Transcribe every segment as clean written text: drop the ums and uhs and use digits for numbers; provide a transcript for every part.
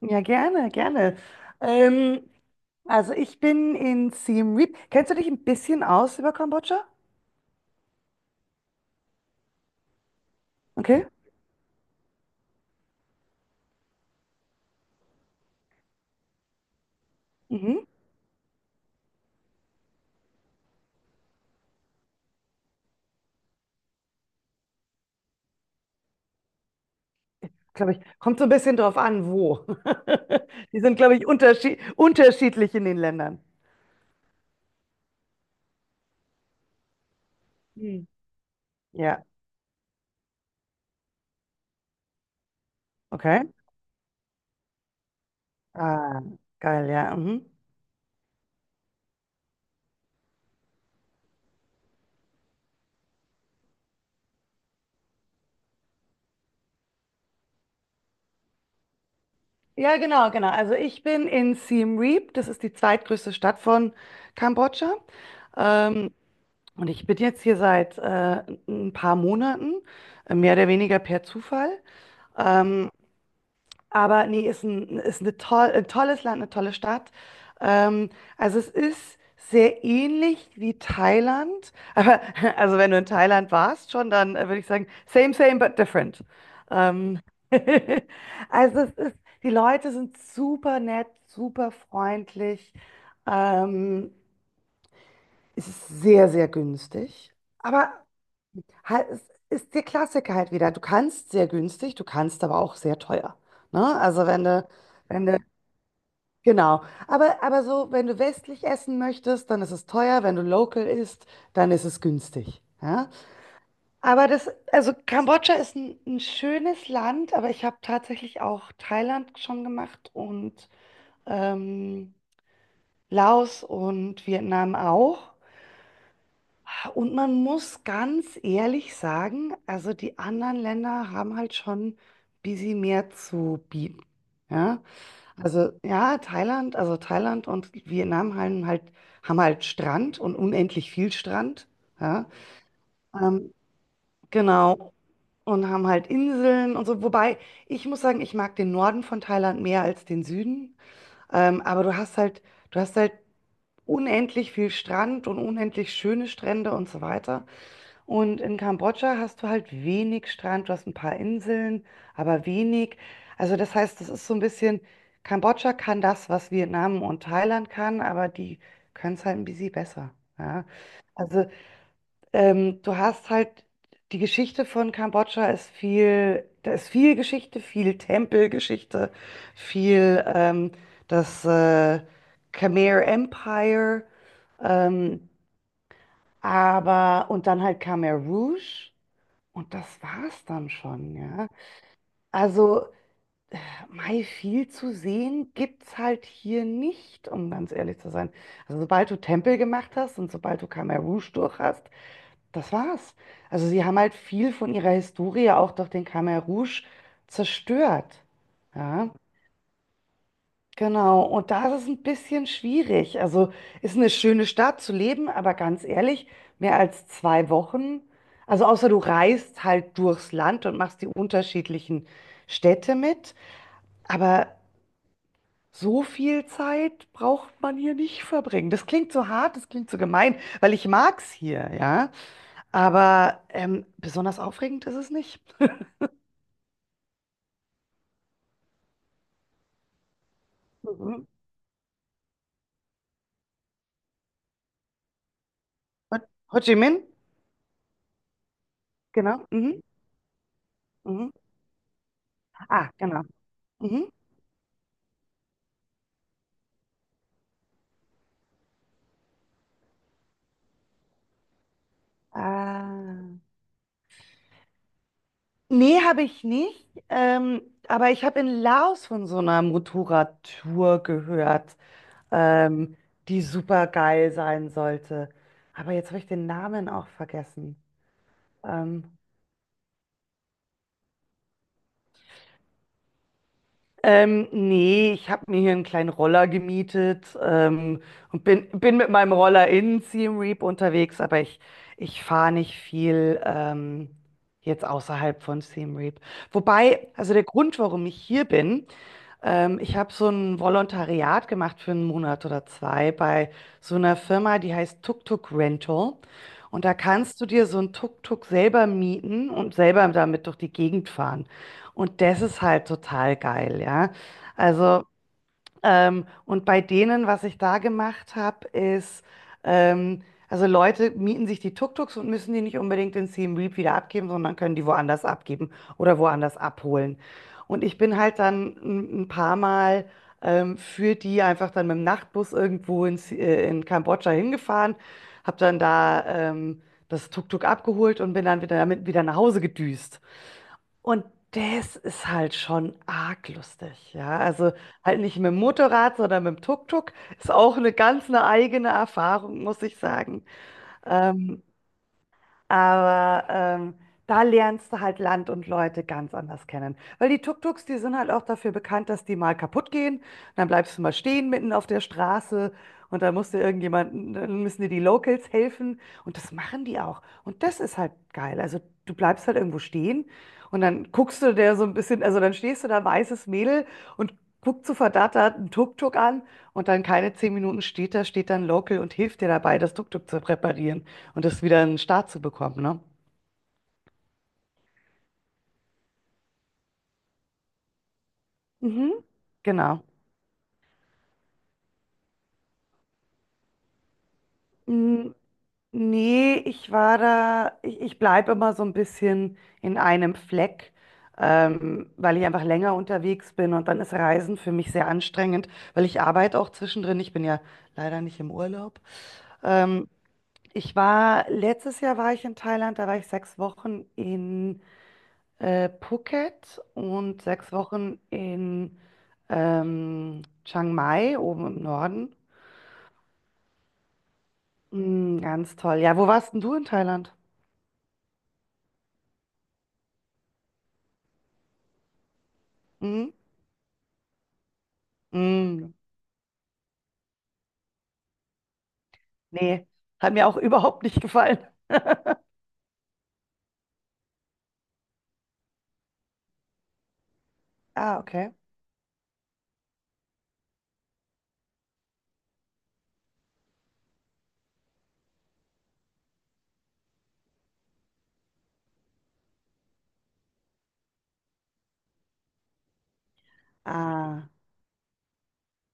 Ja, gerne, gerne. Ähm, also ich bin in Siem Reap. Kennst du dich ein bisschen aus über Kambodscha? Okay. Mhm. Glaube ich. Kommt so ein bisschen drauf an, wo. Die sind, glaube ich, unterschiedlich in den Ländern. Hm. Ja, okay. Ah, geil, ja. Mhm. Ja, genau, genau. Also ich bin in Siem Reap. Das ist die zweitgrößte Stadt von Kambodscha. Ähm, und ich bin jetzt hier seit ein paar Monaten, mehr oder weniger per Zufall. Ähm, aber nee, ist ein tolles Land, eine tolle Stadt. Ähm, also es ist sehr ähnlich wie Thailand. Aber also wenn du in Thailand warst schon, dann würde ich sagen, same, same, but different. Ähm, also es ist, die Leute sind super nett, super freundlich. Ähm, Es ist sehr, sehr günstig. Aber halt, es ist der Klassiker halt wieder. Du kannst sehr günstig, du kannst aber auch sehr teuer. Ne? Also wenn du, genau. Aber so, wenn du westlich essen möchtest, dann ist es teuer. Wenn du local isst, dann ist es günstig. Ja? Aber das, also Kambodscha ist ein schönes Land, aber ich habe tatsächlich auch Thailand schon gemacht und ähm, Laos und Vietnam auch. Und man muss ganz ehrlich sagen, also die anderen Länder haben halt schon ein bisschen mehr zu bieten. Ja, also ja, Thailand, also Thailand und Vietnam haben halt Strand und unendlich viel Strand. Ja, ähm, genau. Und haben halt Inseln und so. Wobei, ich muss sagen, ich mag den Norden von Thailand mehr als den Süden. Aber du hast halt unendlich viel Strand und unendlich schöne Strände und so weiter. Und in Kambodscha hast du halt wenig Strand, du hast ein paar Inseln, aber wenig. Also das heißt, das ist so ein bisschen, Kambodscha kann das, was Vietnam und Thailand kann, aber die können es halt ein bisschen besser. Ja. Also du hast halt, die Geschichte von Kambodscha ist viel, da ist viel Geschichte, viel Tempelgeschichte, viel das Khmer Empire, ähm, aber und dann halt Khmer Rouge. Und das war's dann schon, ja. Also, Mai, viel zu sehen gibt's halt hier nicht, um ganz ehrlich zu sein. Also, sobald du Tempel gemacht hast und sobald du Khmer Rouge durch hast, das war's. Also, sie haben halt viel von ihrer Historie auch durch den Khmer Rouge zerstört, ja. Genau, und da ist es ein bisschen schwierig. Also ist eine schöne Stadt zu leben, aber ganz ehrlich, mehr als 2 Wochen. Also außer du reist halt durchs Land und machst die unterschiedlichen Städte mit. Aber so viel Zeit braucht man hier nicht verbringen. Das klingt so hart, das klingt so gemein, weil ich mag's hier, ja. Aber besonders aufregend ist es nicht. Mhm. Ho Ho Chi Minh? Genau. Mhm. Mhm. Ah, genau. Mhm. Ah. Nee, habe ich nicht. Aber ich habe in Laos von so einer Motorradtour gehört, ähm, die super geil sein sollte. Aber jetzt habe ich den Namen auch vergessen. Ähm, Nee, ich habe mir hier einen kleinen Roller gemietet, und bin mit meinem Roller in Siem Reap unterwegs, aber ich fahre nicht viel, jetzt außerhalb von Siem Reap. Wobei, also der Grund, warum ich hier bin: Ich habe so ein Volontariat gemacht für einen Monat oder zwei bei so einer Firma, die heißt Tuk Tuk Rental. Und da kannst du dir so ein Tuk-Tuk selber mieten und selber damit durch die Gegend fahren. Und das ist halt total geil, ja. Also und bei denen, was ich da gemacht habe, ist, ähm, also Leute mieten sich die Tuk-Tuks und müssen die nicht unbedingt in Siem Reap wieder abgeben, sondern können die woanders abgeben oder woanders abholen. Und ich bin halt dann ein paar Mal, für die einfach dann mit dem Nachtbus irgendwo in Kambodscha hingefahren, habe dann da das Tuk-Tuk abgeholt und bin dann wieder damit wieder nach Hause gedüst. Und das ist halt schon arg lustig, ja. Also halt nicht mit dem Motorrad, sondern mit dem Tuk-Tuk. Ist auch eine ganz eine eigene Erfahrung, muss ich sagen. Ähm, aber da lernst du halt Land und Leute ganz anders kennen. Weil die Tuk-Tuks, die sind halt auch dafür bekannt, dass die mal kaputt gehen. Und dann bleibst du mal stehen mitten auf der Straße und dann musst du irgendjemanden, dann müssen dir die Locals helfen. Und das machen die auch. Und das ist halt geil. Also du bleibst halt irgendwo stehen und dann guckst du der so ein bisschen, also dann stehst du da, weißes Mädel, und guckst so verdattert einen Tuk-Tuk an, und dann keine 10 Minuten, steht da, steht dann Local und hilft dir dabei, das Tuk-Tuk zu reparieren und das wieder in den Start zu bekommen, ne? Mhm. Genau. Mm, nee, ich war da, ich bleibe immer so ein bisschen in einem Fleck, weil ich einfach länger unterwegs bin und dann ist Reisen für mich sehr anstrengend, weil ich arbeite auch zwischendrin. Ich bin ja leider nicht im Urlaub. Ähm, Ich war, letztes Jahr war ich in Thailand, da war ich 6 Wochen in Phuket und 6 Wochen in Chiang Mai, oben im Norden. Mm, ganz toll. Ja, wo warst denn du in Thailand? Mhm. Mm, nee, hat mir auch überhaupt nicht gefallen. Ah, okay. Ah,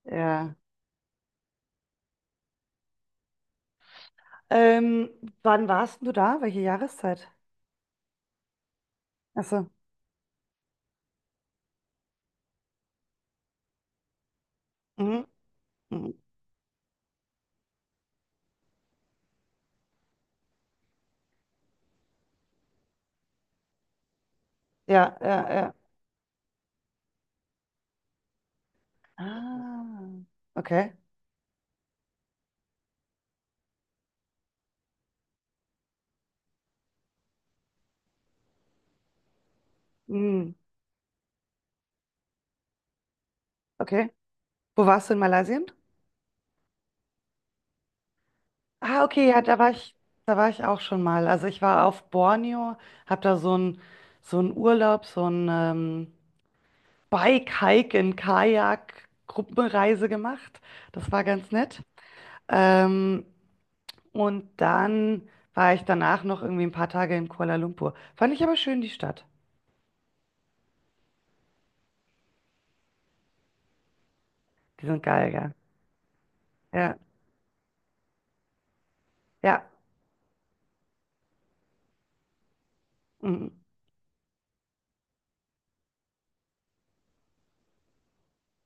ja. Ähm, Wann warst denn du da? Welche Jahreszeit? Ach so. Mhm. Mhm. Ja, ja, ja. Ah, okay. Mhm. Okay. Wo warst du in Malaysia? Ah, okay, ja, da war ich auch schon mal. Also ich war auf Borneo, habe da so einen Urlaub, so einen, Bike-Hike in Kajak-Gruppenreise gemacht. Das war ganz nett. Ähm, und dann war ich danach noch irgendwie ein paar Tage in Kuala Lumpur. Fand ich aber schön, die Stadt. Die sind geil, gell? Ja, ja, mm,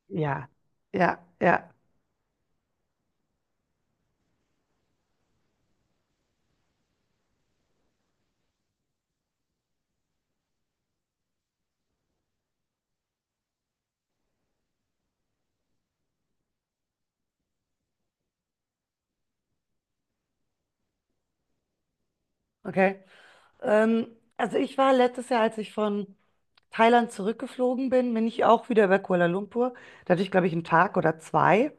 ja, ja, ja, okay. Ähm, also ich war letztes Jahr, als ich von Thailand zurückgeflogen bin, bin ich auch wieder über Kuala Lumpur. Da hatte ich, glaube ich, einen Tag oder zwei.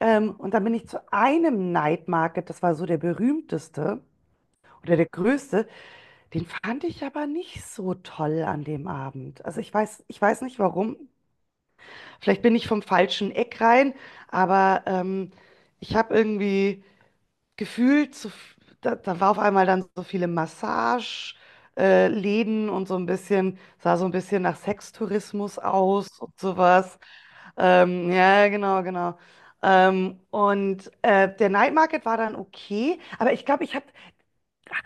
Und dann bin ich zu einem Night Market, das war so der berühmteste oder der größte. Den fand ich aber nicht so toll an dem Abend. Also ich weiß nicht warum. Vielleicht bin ich vom falschen Eck rein, aber ich habe irgendwie gefühlt, so, da war auf einmal dann so viele Massage, Läden, und so ein bisschen, sah so ein bisschen nach Sextourismus aus und sowas. Ja, genau, genau. Und der Night Market war dann okay, aber ich glaube, ich habe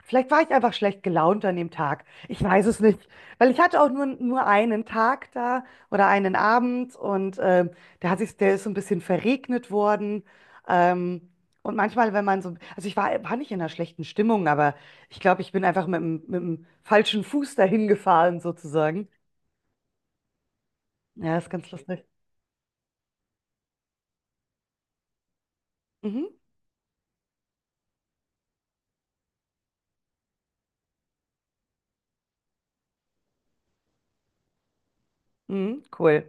Vielleicht war ich einfach schlecht gelaunt an dem Tag. Ich weiß es nicht. Weil ich hatte auch nur einen Tag da oder einen Abend und der hat sich, der ist so ein bisschen verregnet worden. Ähm, und manchmal, wenn man so, also ich war nicht in einer schlechten Stimmung, aber ich glaube, ich bin einfach mit dem, falschen Fuß dahin gefahren, sozusagen. Ja, ist ganz lustig. Mhm. Mhm, cool.